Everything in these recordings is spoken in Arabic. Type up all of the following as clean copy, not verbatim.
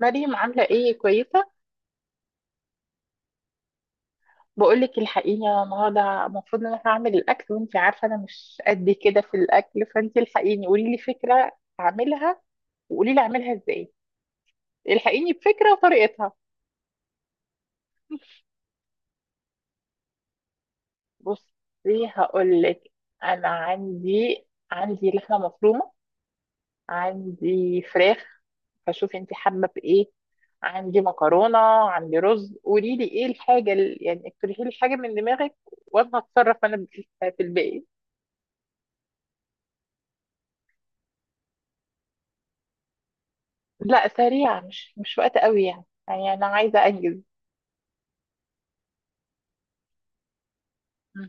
مريم عاملة ايه، كويسة؟ بقولك الحقيني، أنا النهاردة المفروض ان انا هعمل الاكل، وانتي عارفة انا مش قد كده في الاكل، فانتي الحقيني قولي لي فكرة اعملها، وقولي لي اعملها ازاي. الحقيني بفكرة وطريقتها. بصي هقولك، انا عندي، عندي لحمة مفرومة، عندي فراخ، فشوفي انتي حابة بايه. عندي مكرونة، عندي رز. قولي لي ايه الحاجة اقترحي لي حاجة من دماغك، وانا هتصرف انا في الباقي. لا سريعة، مش وقت قوي، يعني أنا عايزة أنجز. م-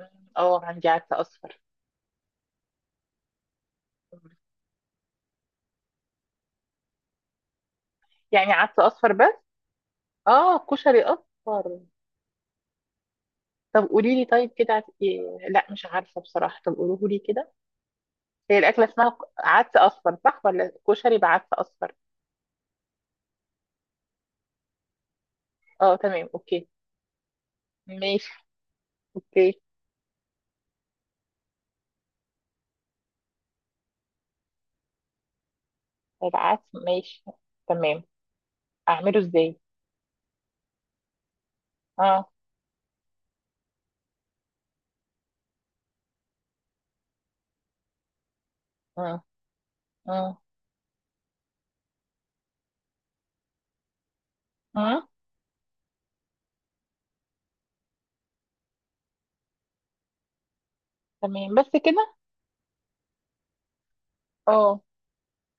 م- اه، عندي عدس أصفر. يعني عدس أصفر بس؟ اه كشري أصفر. طب قولي لي، طيب كده إيه؟ لا مش عارفة بصراحة، طب قولوه لي كده. هي الأكلة اسمها عدس أصفر، صح؟ ولا كشري بعدس أصفر؟ اه تمام، أوكي. ماشي، أوكي. طيب عدس، ماشي. تمام، أعمله إزاي؟ اه. اه. اه. اه. تمام بس كده. اه.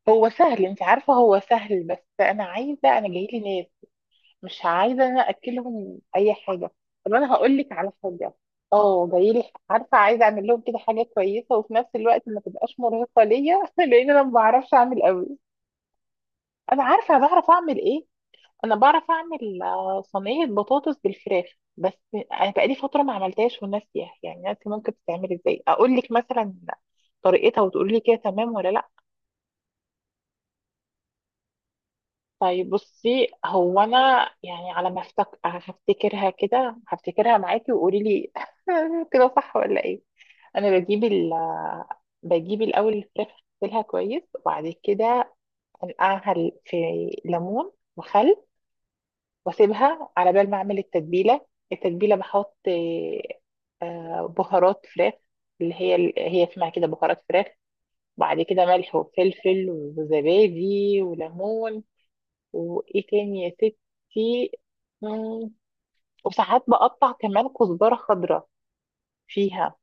هو سهل انت عارفة، هو سهل، بس انا عايزة، انا جايلي ناس. مش عايزة انا اكلهم اي حاجة. طب انا هقول لك على حاجة. اه جايلي. عارفة، عايزة اعمل لهم كده حاجة كويسة، وفي نفس الوقت ما تبقاش مرهقة ليا، لان انا ما بعرفش اعمل قوي. انا عارفة بعرف اعمل ايه. انا بعرف اعمل صينية بطاطس بالفراخ، بس. انا بقالي فترة ما عملتهاش وناسية، يعني ناسي ممكن تتعمل ازاي. اقول لك مثلا طريقتها وتقولي لي كده تمام ولا؟ طيب بصي، هو انا يعني على ما افتك... هفتكرها كده، هفتكرها معاكي وقولي لي. كده صح ولا ايه؟ انا بجيب ال... بجيب الاول الفراخ، اغسلها كويس، وبعد كده انقعها في ليمون وخل، واسيبها على بال ما اعمل التتبيله. التتبيله بحط بهارات فراخ، اللي هي اسمها كده بهارات فراخ. وبعد كده ملح وفلفل وزبادي وليمون. وايه تاني يا ستي؟ مم، وساعات بقطع كمان كزبرة خضراء فيها.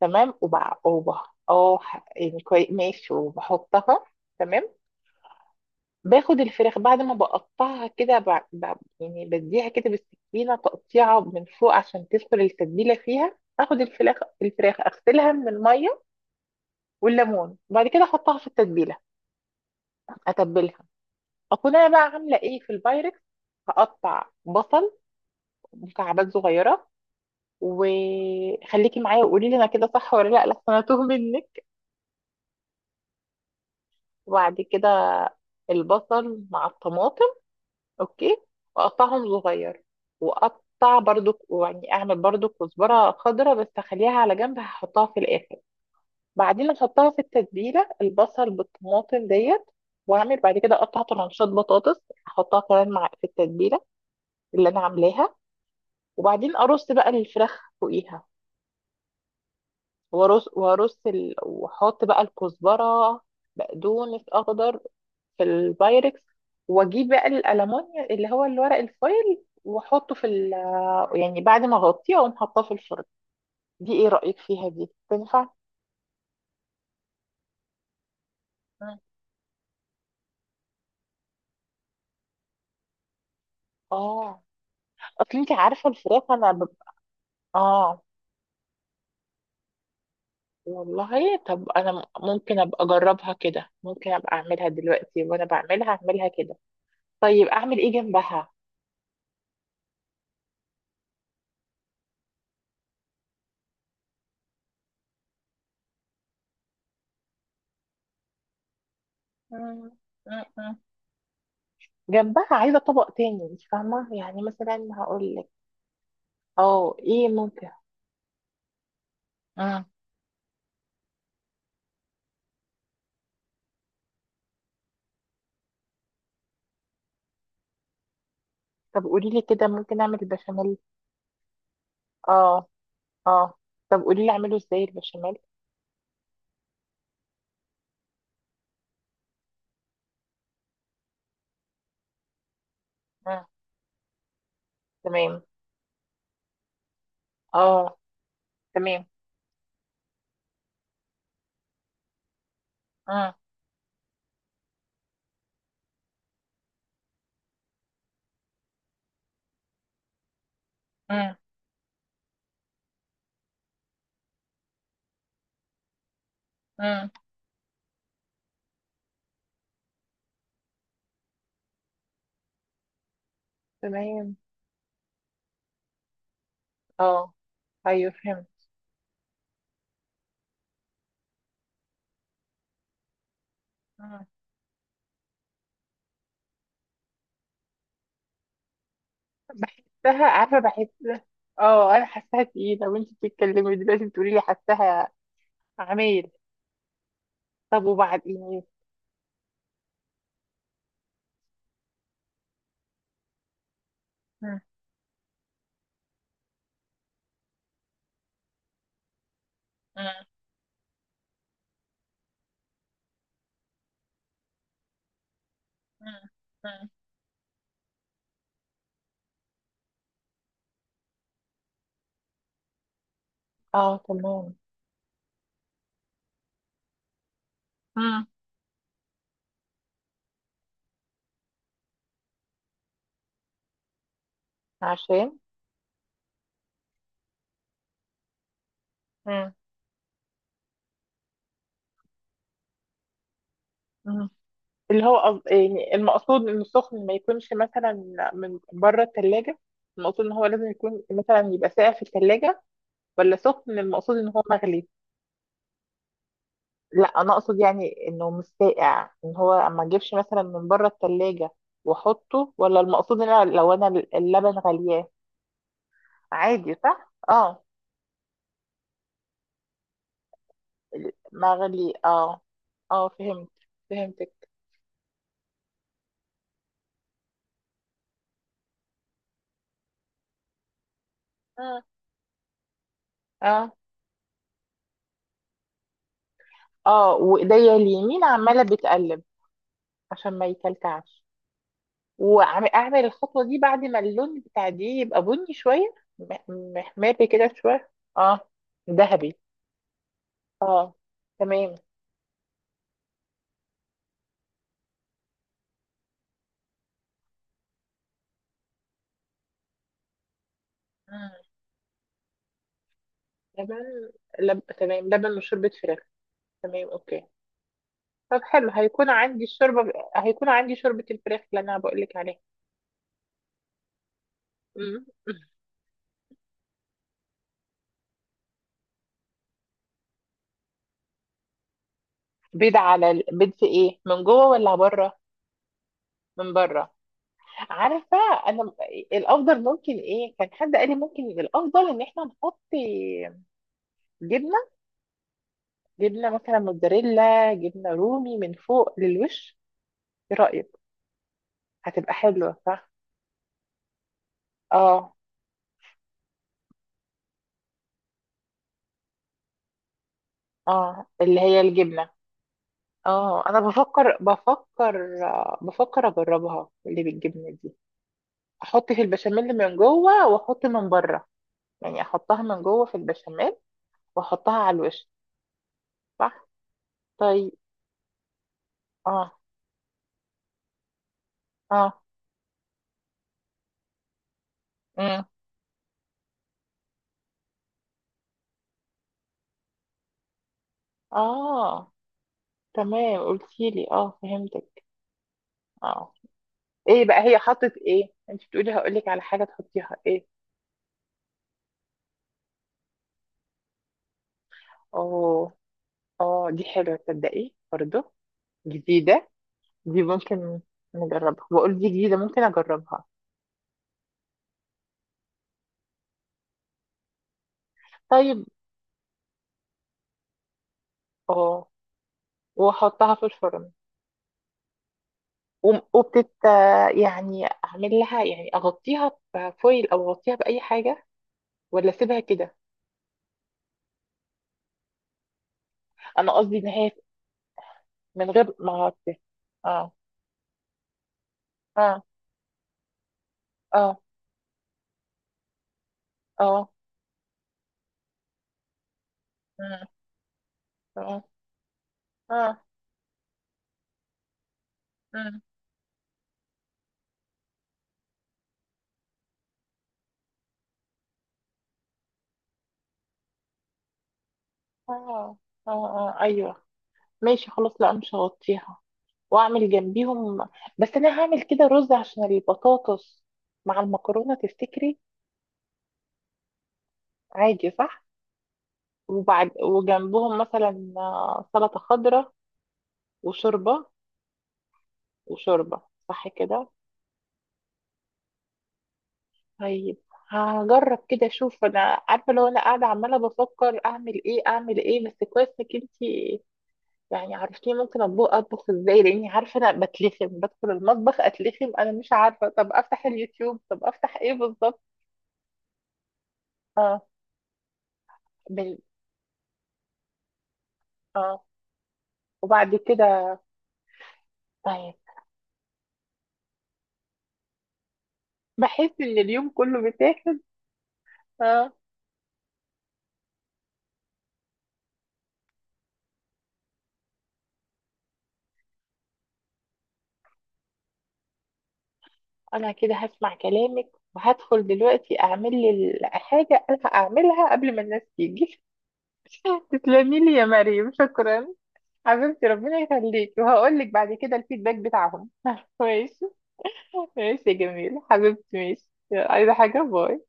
تمام. وبع وبح اه، يعني كويس ماشي، وبحطها. تمام، باخد الفراخ بعد ما بقطعها كده يعني بديها كده بالسكينة تقطيعة من فوق عشان تدخل التتبيلة فيها. اخد الفراخ، الفراخ اغسلها من المية والليمون، وبعد كده احطها في التتبيلة، اتبلها. اكون انا بقى عاملة ايه في البايركس، هقطع بصل مكعبات صغيرة. وخليكي معايا وقولي لي انا كده صح ولا لا، لحسن انا توه منك. وبعد كده البصل مع الطماطم. اوكي. واقطعهم صغير. واقطع برضو، يعني اعمل برضو كزبره خضراء بس اخليها على جنب، هحطها في الاخر. بعدين احطها في التتبيله، البصل بالطماطم ديت. واعمل بعد كده اقطع طرنشات بطاطس، احطها كمان مع في التتبيله اللي انا عاملاها. وبعدين ارص بقى الفراخ فوقيها، واحط بقى الكزبره، بقدونس اخضر، في البايركس. واجيب بقى الالومنيوم اللي هو الورق الفويل واحطه يعني بعد ما اغطيه اقوم حاطاه في الفرن. دي ايه رايك فيها، دي تنفع؟ مم. اه. اصل انت عارفه الفراخ انا اه والله، طب انا ممكن ابقى اجربها كده، ممكن ابقى اعملها دلوقتي، وانا بعملها اعملها كده. طيب اعمل ايه جنبها؟ مم. جنبها عايزة طبق تاني، انت فاهمة؟ يعني مثلا هقول لك. اه، ايه ممكن. مم. طب قولي لي كده، ممكن اعمل البشاميل؟ اه. اه. طب قولي لي اعمله ازاي البشاميل؟ مم. تمام. اه. تمام. مم. مم. مم. تمام. اه ايوه فهمت. مم. بحسها، عارفة، بحس. اه انا حاساها تقيلة، وانت بتتكلمي دلوقتي بتقولي لي حاساها عمايل. طب وبعد ايه؟ مم. مم. مم. مم. اه تمام. مم. عشان. مم. مم. اللي هو يعني المقصود انه سخن، ما يكونش مثلا من بره التلاجة. المقصود ان هو لازم يكون مثلا يبقى ساقع في التلاجة، ولا سخن المقصود ان هو مغلي؟ لا انا اقصد يعني انه مش ساقع، ان هو اما اجيبش مثلا من بره التلاجة واحطه. ولا المقصود ان أنا لو انا اللبن غلياه عادي، صح؟ اه. مغلي، اه. اه فهمت، فهمتك. اه. اه. اه. وايديا اليمين عمالة بتقلب عشان ما يكلكعش. واعمل الخطوه دي بعد ما اللون بتاع دي يبقى بني شويه، محمر كده شويه. اه. ذهبي. اه تمام. مم. لبن. تمام، لبن وشوربه فراخ. تمام اوكي. طب حلو، هيكون عندي الشوربه، هيكون عندي شوربه الفراخ اللي انا بقول لك عليها. مم. بيض على بيض في ايه، من جوه ولا بره؟ من بره. عارفه انا، الافضل ممكن، ايه كان حد قال لي ممكن الافضل ان احنا نحط جبنه، جبنة مثلا موتزاريلا، جبنة رومي من فوق للوش. ايه رأيك؟ هتبقى حلوة صح؟ اه. اه اللي هي الجبنة. اه انا بفكر بفكر اجربها، اللي بالجبنة دي. احط في البشاميل من جوه واحط من بره، يعني احطها من جوه في البشاميل، واحطها على الوش، صح؟ طيب. اه. اه. امم. اه تمام، قلتيلي، اه فهمتك. اه، ايه بقى هي حطت ايه؟ انت بتقولي هقولك على حاجة تحطيها، ايه؟ اوه. اه دي حلوة تصدقي برضه. جديدة. دي ممكن نجربها، بقول دي جديدة ممكن اجربها. طيب. اه. واحطها في الفرن. وبتت، يعني اعمل لها، يعني اغطيها بفويل او اغطيها باي حاجة، ولا اسيبها كده؟ انا قصدي ان هي من غير ما اغطي. اه. اه. اه. اه. اه. اه. اه. اه. اه. اه. ايوه. ماشي خلاص، لا مش هغطيها. واعمل جنبيهم، بس انا هعمل كده رز، عشان البطاطس مع المكرونه، تفتكري عادي، صح؟ وبعد وجنبهم مثلا سلطه خضراء، وشوربه. وشوربه. صح كده. طيب، هجرب كده اشوف. انا عارفه لو انا قاعده عماله بفكر اعمل ايه اعمل ايه، بس كويس انك انت يعني عرفتيني ممكن اطبخ، ازاي، لاني عارفه انا بتلخم، بدخل المطبخ اتلخم، انا مش عارفه طب افتح اليوتيوب، طب افتح ايه بالظبط. آه. بال... اه. وبعد كده طيب. بحس ان اليوم كله بيتاخد. اه. انا كده هسمع كلامك، وهدخل دلوقتي اعمل لي حاجه انا هعملها قبل ما الناس تيجي. تسلمي لي يا مريم، شكرا. حبيبتي ربنا يخليك، وهقول لك بعد كده الفيدباك بتاعهم. ماشي. ماشي يا جميل، حبيبتي، ماشي، عايزه حاجه؟ باي.